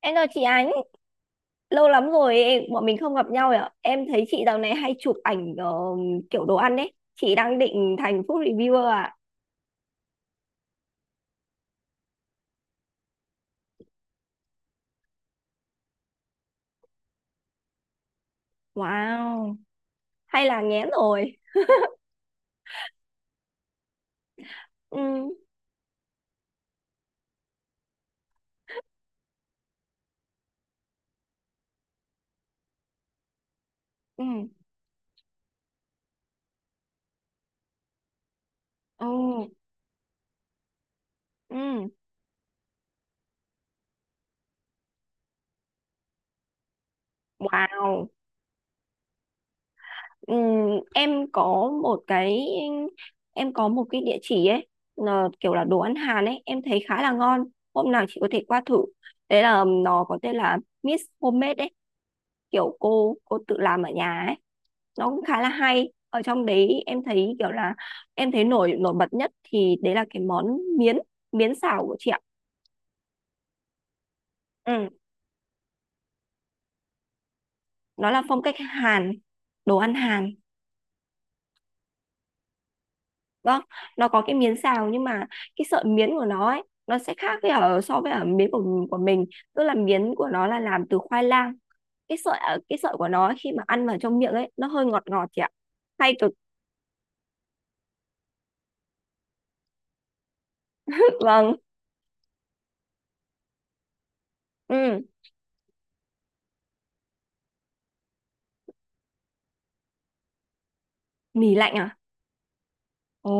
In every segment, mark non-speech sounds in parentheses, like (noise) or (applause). Em chào chị Ánh, lâu lắm rồi bọn mình không gặp nhau ạ. Em thấy chị dạo này hay chụp ảnh, kiểu đồ ăn ấy. Chị đang định thành food reviewer à? Wow, hay là nghén rồi. Ừ, ừ, ừ, ừ. Wow. Ừ, em có một cái em có một cái địa chỉ ấy, là kiểu là đồ ăn Hàn ấy, em thấy khá là ngon. Hôm nào chị có thể qua thử. Đấy là nó có tên là Miss Homemade ấy, kiểu cô tự làm ở nhà ấy, nó cũng khá là hay, ở trong đấy em thấy kiểu là em thấy nổi nổi bật nhất thì đấy là cái món miến miến xào của chị ạ. Ừ, nó là phong cách Hàn, đồ ăn Hàn. Đó, nó có cái miến xào nhưng mà cái sợi miến của nó ấy nó sẽ khác với ở so với ở miến của mình, tức là miến của nó là làm từ khoai lang. Cái sợi ở, cái sợi của nó khi mà ăn vào trong miệng ấy nó hơi ngọt ngọt chị ạ, hay cực. Vâng. Ừ. Mì lạnh à? Ồ,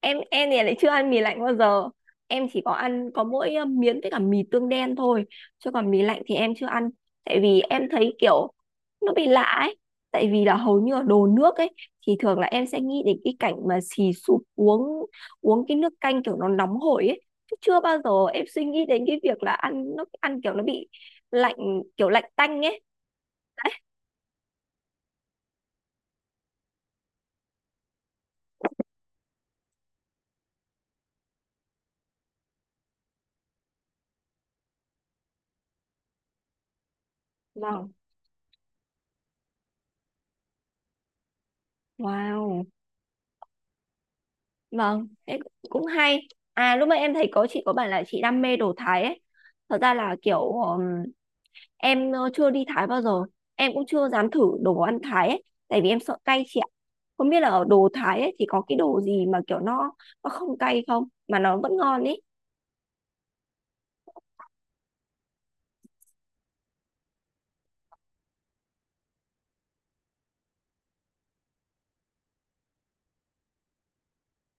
em thì lại chưa ăn mì lạnh bao giờ, em chỉ có ăn có mỗi miến với cả mì tương đen thôi, chứ còn mì lạnh thì em chưa ăn. Tại vì em thấy kiểu nó bị lạ ấy, tại vì là hầu như ở đồ nước ấy thì thường là em sẽ nghĩ đến cái cảnh mà xì sụp uống uống cái nước canh kiểu nó nóng hổi ấy, chứ chưa bao giờ em suy nghĩ đến cái việc là ăn nó, ăn kiểu nó bị lạnh, kiểu lạnh tanh ấy. Wow, wow. Vâng, thế cũng hay. À, lúc nãy em thấy có chị có bảo là chị đam mê đồ Thái ấy. Thật ra là kiểu em chưa đi Thái bao giờ. Em cũng chưa dám thử đồ ăn Thái ấy, tại vì em sợ cay chị ạ. Không biết là ở đồ Thái ấy thì có cái đồ gì mà kiểu nó không cay không mà nó vẫn ngon ấy.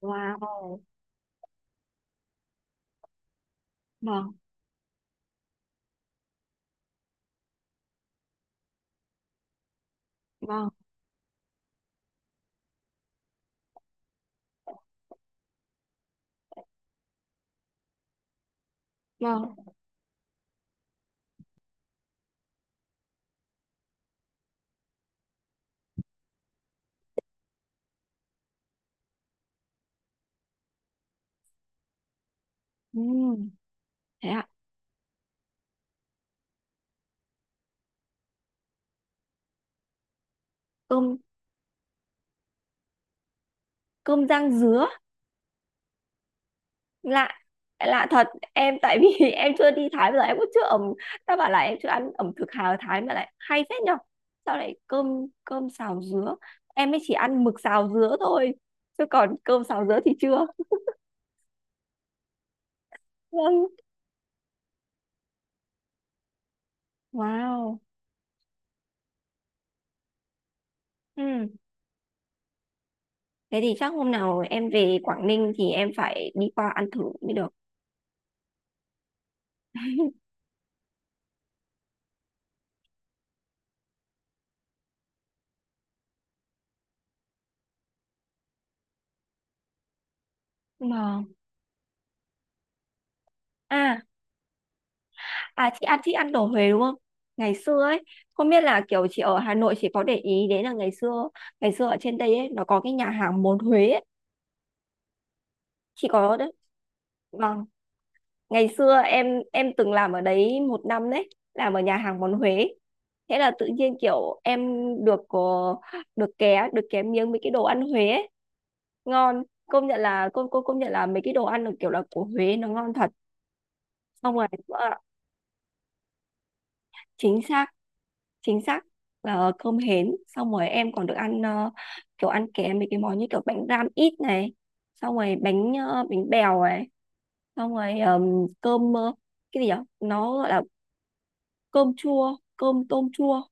Wow. Vâng, vâng, vâng. Ừm, thế ạ. Cơm cơm rang dứa. Lạ, lạ thật. Em tại vì (laughs) em chưa đi Thái bao giờ, em cũng chưa ẩm, ta bảo là em chưa ăn ẩm thực Hà, ở Thái mà lại hay phết nhở, sao lại cơm cơm xào dứa. Em mới chỉ ăn mực xào dứa thôi, chứ còn cơm xào dứa thì chưa. Vâng. Wow. Ừ. Thế thì chắc hôm nào em về Quảng Ninh thì em phải đi qua ăn thử mới được. Vâng. À, à, chị ăn đồ Huế đúng không? Ngày xưa ấy, không biết là kiểu chị ở Hà Nội chị có để ý đến là ngày xưa, ngày xưa ở trên đây ấy nó có cái nhà hàng món Huế ấy, chị có đấy? Vâng, ngày xưa em từng làm ở đấy một năm đấy, làm ở nhà hàng món Huế. Thế là tự nhiên kiểu em được có được ké miếng mấy cái đồ ăn Huế ấy. Ngon, công nhận là cô công nhận là mấy cái đồ ăn được kiểu là của Huế nó ngon thật. Xong rồi chính xác, chính xác là cơm hến, xong rồi em còn được ăn kiểu ăn kèm mấy cái món như kiểu bánh ram ít này, xong rồi bánh bèo này, xong rồi cơm cái gì nhở, nó gọi là cơm chua, cơm tôm chua,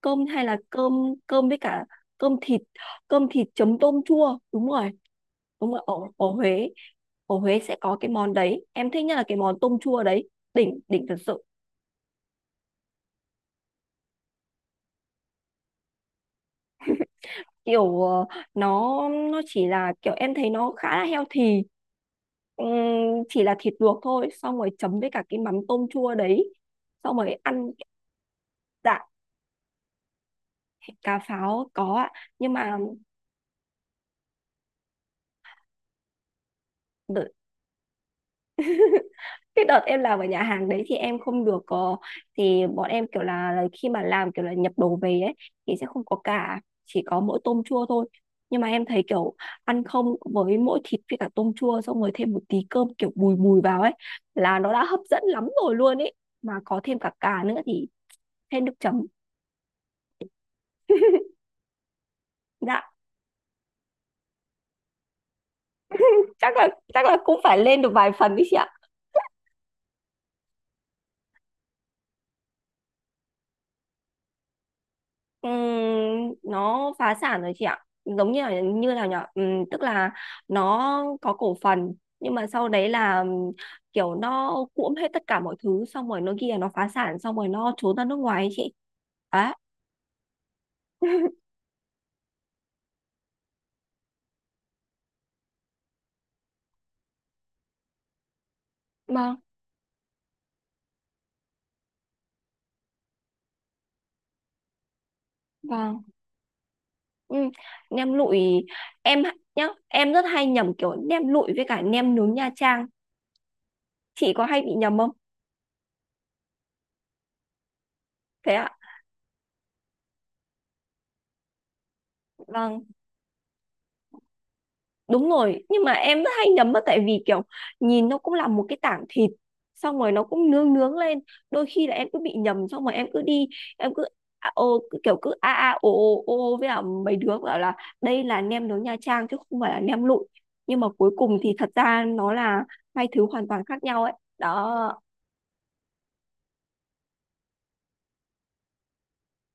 cơm hay là cơm cơm với cả cơm thịt cơm thịt chấm tôm chua, đúng rồi. Đúng rồi ở Huế. Ở Huế sẽ có cái món đấy, em thích nhất là cái món tôm chua đấy, đỉnh, đỉnh thật sự. Kiểu nó chỉ là kiểu em thấy nó khá là healthy. Ừm, chỉ là thịt luộc thôi, xong rồi chấm với cả cái mắm tôm chua đấy, xong rồi ăn. Dạ, thịt cá pháo có ạ, nhưng mà tự cái đợt em làm ở nhà hàng đấy thì em không được có, thì bọn em kiểu là khi mà làm kiểu là nhập đồ về ấy thì sẽ không có cả, chỉ có mỗi tôm chua thôi. Nhưng mà em thấy kiểu ăn không với mỗi thịt với cả tôm chua, xong rồi thêm một tí cơm kiểu bùi bùi vào ấy là nó đã hấp dẫn lắm rồi luôn ấy, mà có thêm cả cà nữa thì thêm nước chấm. (laughs) Dạ, chắc là chắc là cũng phải lên được vài phần đấy chị ạ. Nó phá sản rồi chị ạ. Giống như là như nào nhỉ, tức là nó có cổ phần, nhưng mà sau đấy là kiểu nó cuỗm hết tất cả mọi thứ, xong rồi nó phá sản, xong rồi nó trốn ra nước ngoài ấy chị á. (laughs) Vâng, vâng. Ừ. Nem lụi, nhá, em rất hay nhầm kiểu nem lụi với cả nem nướng Nha Trang, chị có hay bị nhầm không? Thế ạ. Vâng, đúng rồi, nhưng mà em rất hay nhầm á, tại vì kiểu nhìn nó cũng là một cái tảng thịt, xong rồi nó cũng nướng nướng lên, đôi khi là em cứ bị nhầm, xong rồi em cứ đi, em cứ à, ô cứ kiểu cứ a a ô ô ô ô với cả mấy đứa bảo là đây là nem nướng Nha Trang chứ không phải là nem lụi, nhưng mà cuối cùng thì thật ra nó là hai thứ hoàn toàn khác nhau ấy. Đó.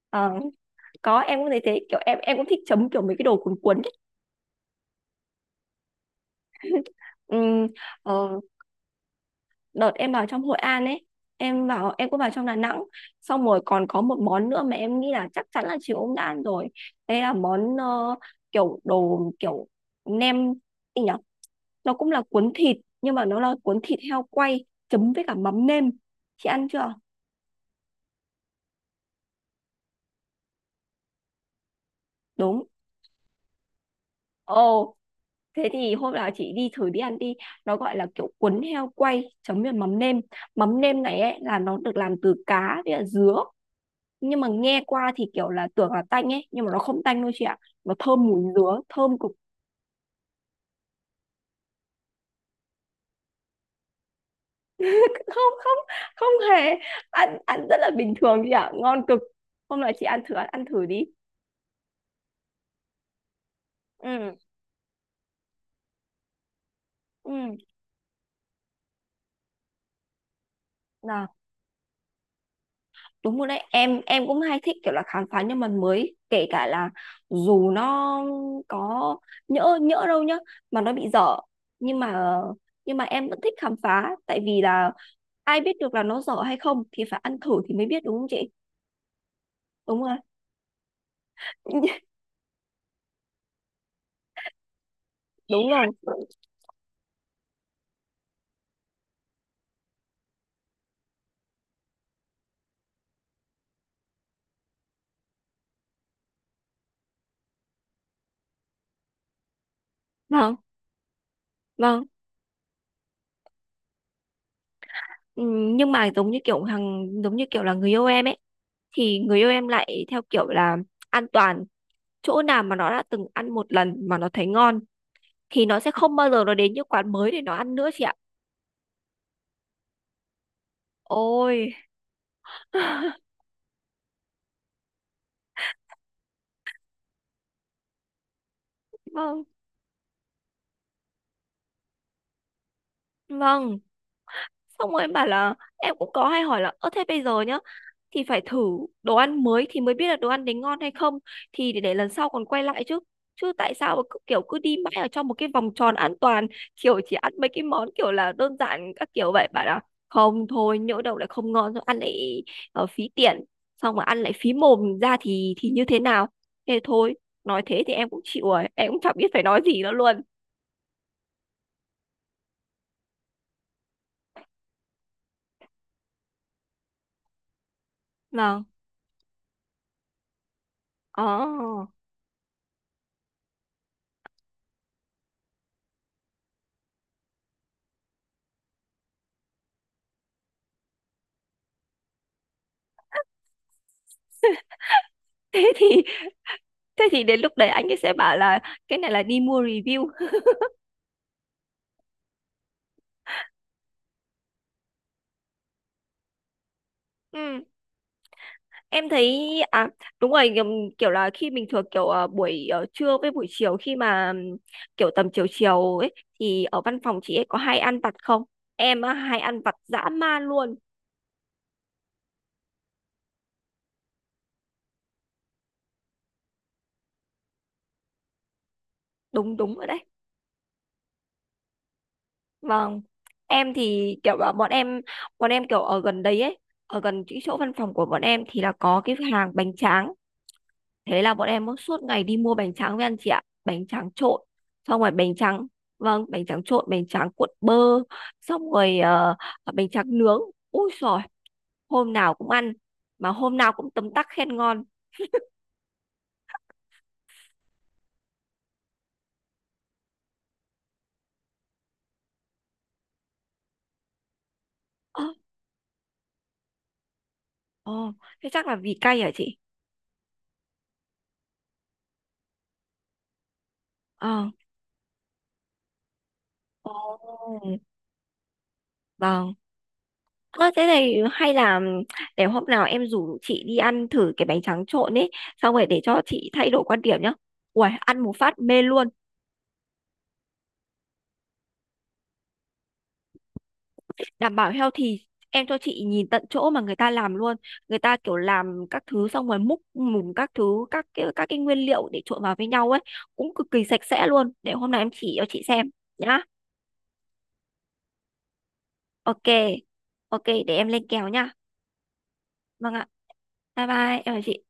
Ờ, có, em cũng thấy thế, kiểu em cũng thích chấm kiểu mấy cái đồ cuốn cuốn ấy. Ừm, ờ, đợt em vào trong Hội An ấy, em vào em cũng vào trong Đà Nẵng, xong rồi còn có một món nữa mà em nghĩ là chắc chắn là chị cũng đã ăn rồi, đấy là món kiểu đồ, kiểu nem, gì nhỉ, nó cũng là cuốn thịt nhưng mà nó là cuốn thịt heo quay chấm với cả mắm nêm, chị ăn chưa? Đúng. Ồ, thế thì hôm nào chị đi thử, đi ăn đi. Nó gọi là kiểu cuốn heo quay chấm với mắm nêm, mắm nêm này ấy là nó được làm từ cá với cả dứa, nhưng mà nghe qua thì kiểu là tưởng là tanh ấy, nhưng mà nó không tanh đâu chị ạ, nó thơm mùi dứa, thơm cực. (laughs) Không, không, không hề. Ăn ăn rất là bình thường chị ạ, ngon cực, hôm nào chị ăn thử, ăn thử đi. Ừ. Ừ. Là đúng rồi đấy, em cũng hay thích kiểu là khám phá những mặt mới, kể cả là dù nó có, nhỡ nhỡ đâu nhá mà nó bị dở, nhưng mà, nhưng mà em vẫn thích khám phá, tại vì là ai biết được là nó dở hay không thì phải ăn thử thì mới biết đúng không chị. Đúng rồi. Đúng rồi. Vâng. Vâng. Ừ, nhưng mà giống như kiểu hàng, giống như kiểu là người yêu em ấy, thì người yêu em lại theo kiểu là an toàn, chỗ nào mà nó đã từng ăn một lần mà nó thấy ngon thì nó sẽ không bao giờ nó đến những quán mới để nó ăn nữa chị ạ. Ôi. (laughs) Vâng. Vâng. Xong rồi em bảo là em cũng có hay hỏi là, ơ thế bây giờ nhá, thì phải thử đồ ăn mới thì mới biết là đồ ăn đấy ngon hay không, thì để lần sau còn quay lại chứ, chứ tại sao mà cứ kiểu cứ đi mãi ở trong một cái vòng tròn an toàn, kiểu chỉ ăn mấy cái món kiểu là đơn giản các kiểu vậy bạn ạ, không, thôi nhỡ đâu lại không ngon rồi ăn lại, phí tiền, xong mà ăn lại phí mồm ra thì như thế nào, thế thôi. Nói thế thì em cũng chịu rồi, em cũng chẳng biết phải nói gì nữa luôn. Vâng. Ờ. thế thì thế thì đến lúc đấy anh ấy sẽ bảo là cái này là đi mua review. (laughs) Ừ. Em thấy à, đúng rồi, kiểu là khi mình thường kiểu buổi trưa với buổi chiều khi mà kiểu tầm chiều chiều ấy thì ở văn phòng chị ấy có hay ăn vặt không? Em á, hay ăn vặt dã man luôn. Đúng, đúng rồi đấy. Vâng. Em thì kiểu là bọn em kiểu ở gần đấy ấy, ở gần cái chỗ văn phòng của bọn em thì là có cái hàng bánh tráng. Thế là bọn em suốt ngày đi mua bánh tráng với anh chị ạ. Bánh tráng trộn. Xong rồi bánh tráng, vâng, bánh tráng trộn, bánh tráng cuộn bơ. Xong rồi à, bánh tráng nướng. Ui rồi, hôm nào cũng ăn, mà hôm nào cũng tấm tắc khen ngon. Ơ. Ồ, thế chắc là vì cay hả chị? Ờ, ồ, vâng. Ơ, thế này hay là để hôm nào em rủ chị đi ăn thử cái bánh tráng trộn ấy, xong rồi để cho chị thay đổi quan điểm nhá. Uầy, ăn một phát mê luôn. Đảm bảo healthy, em cho chị nhìn tận chỗ mà người ta làm luôn, người ta kiểu làm các thứ, xong rồi múc mùng các thứ, các cái nguyên liệu để trộn vào với nhau ấy cũng cực kỳ sạch sẽ luôn, để hôm nào em chỉ cho chị xem. Nhá. OK. OK, để em lên kèo nhá. Vâng ạ, bye bye, em chào chị.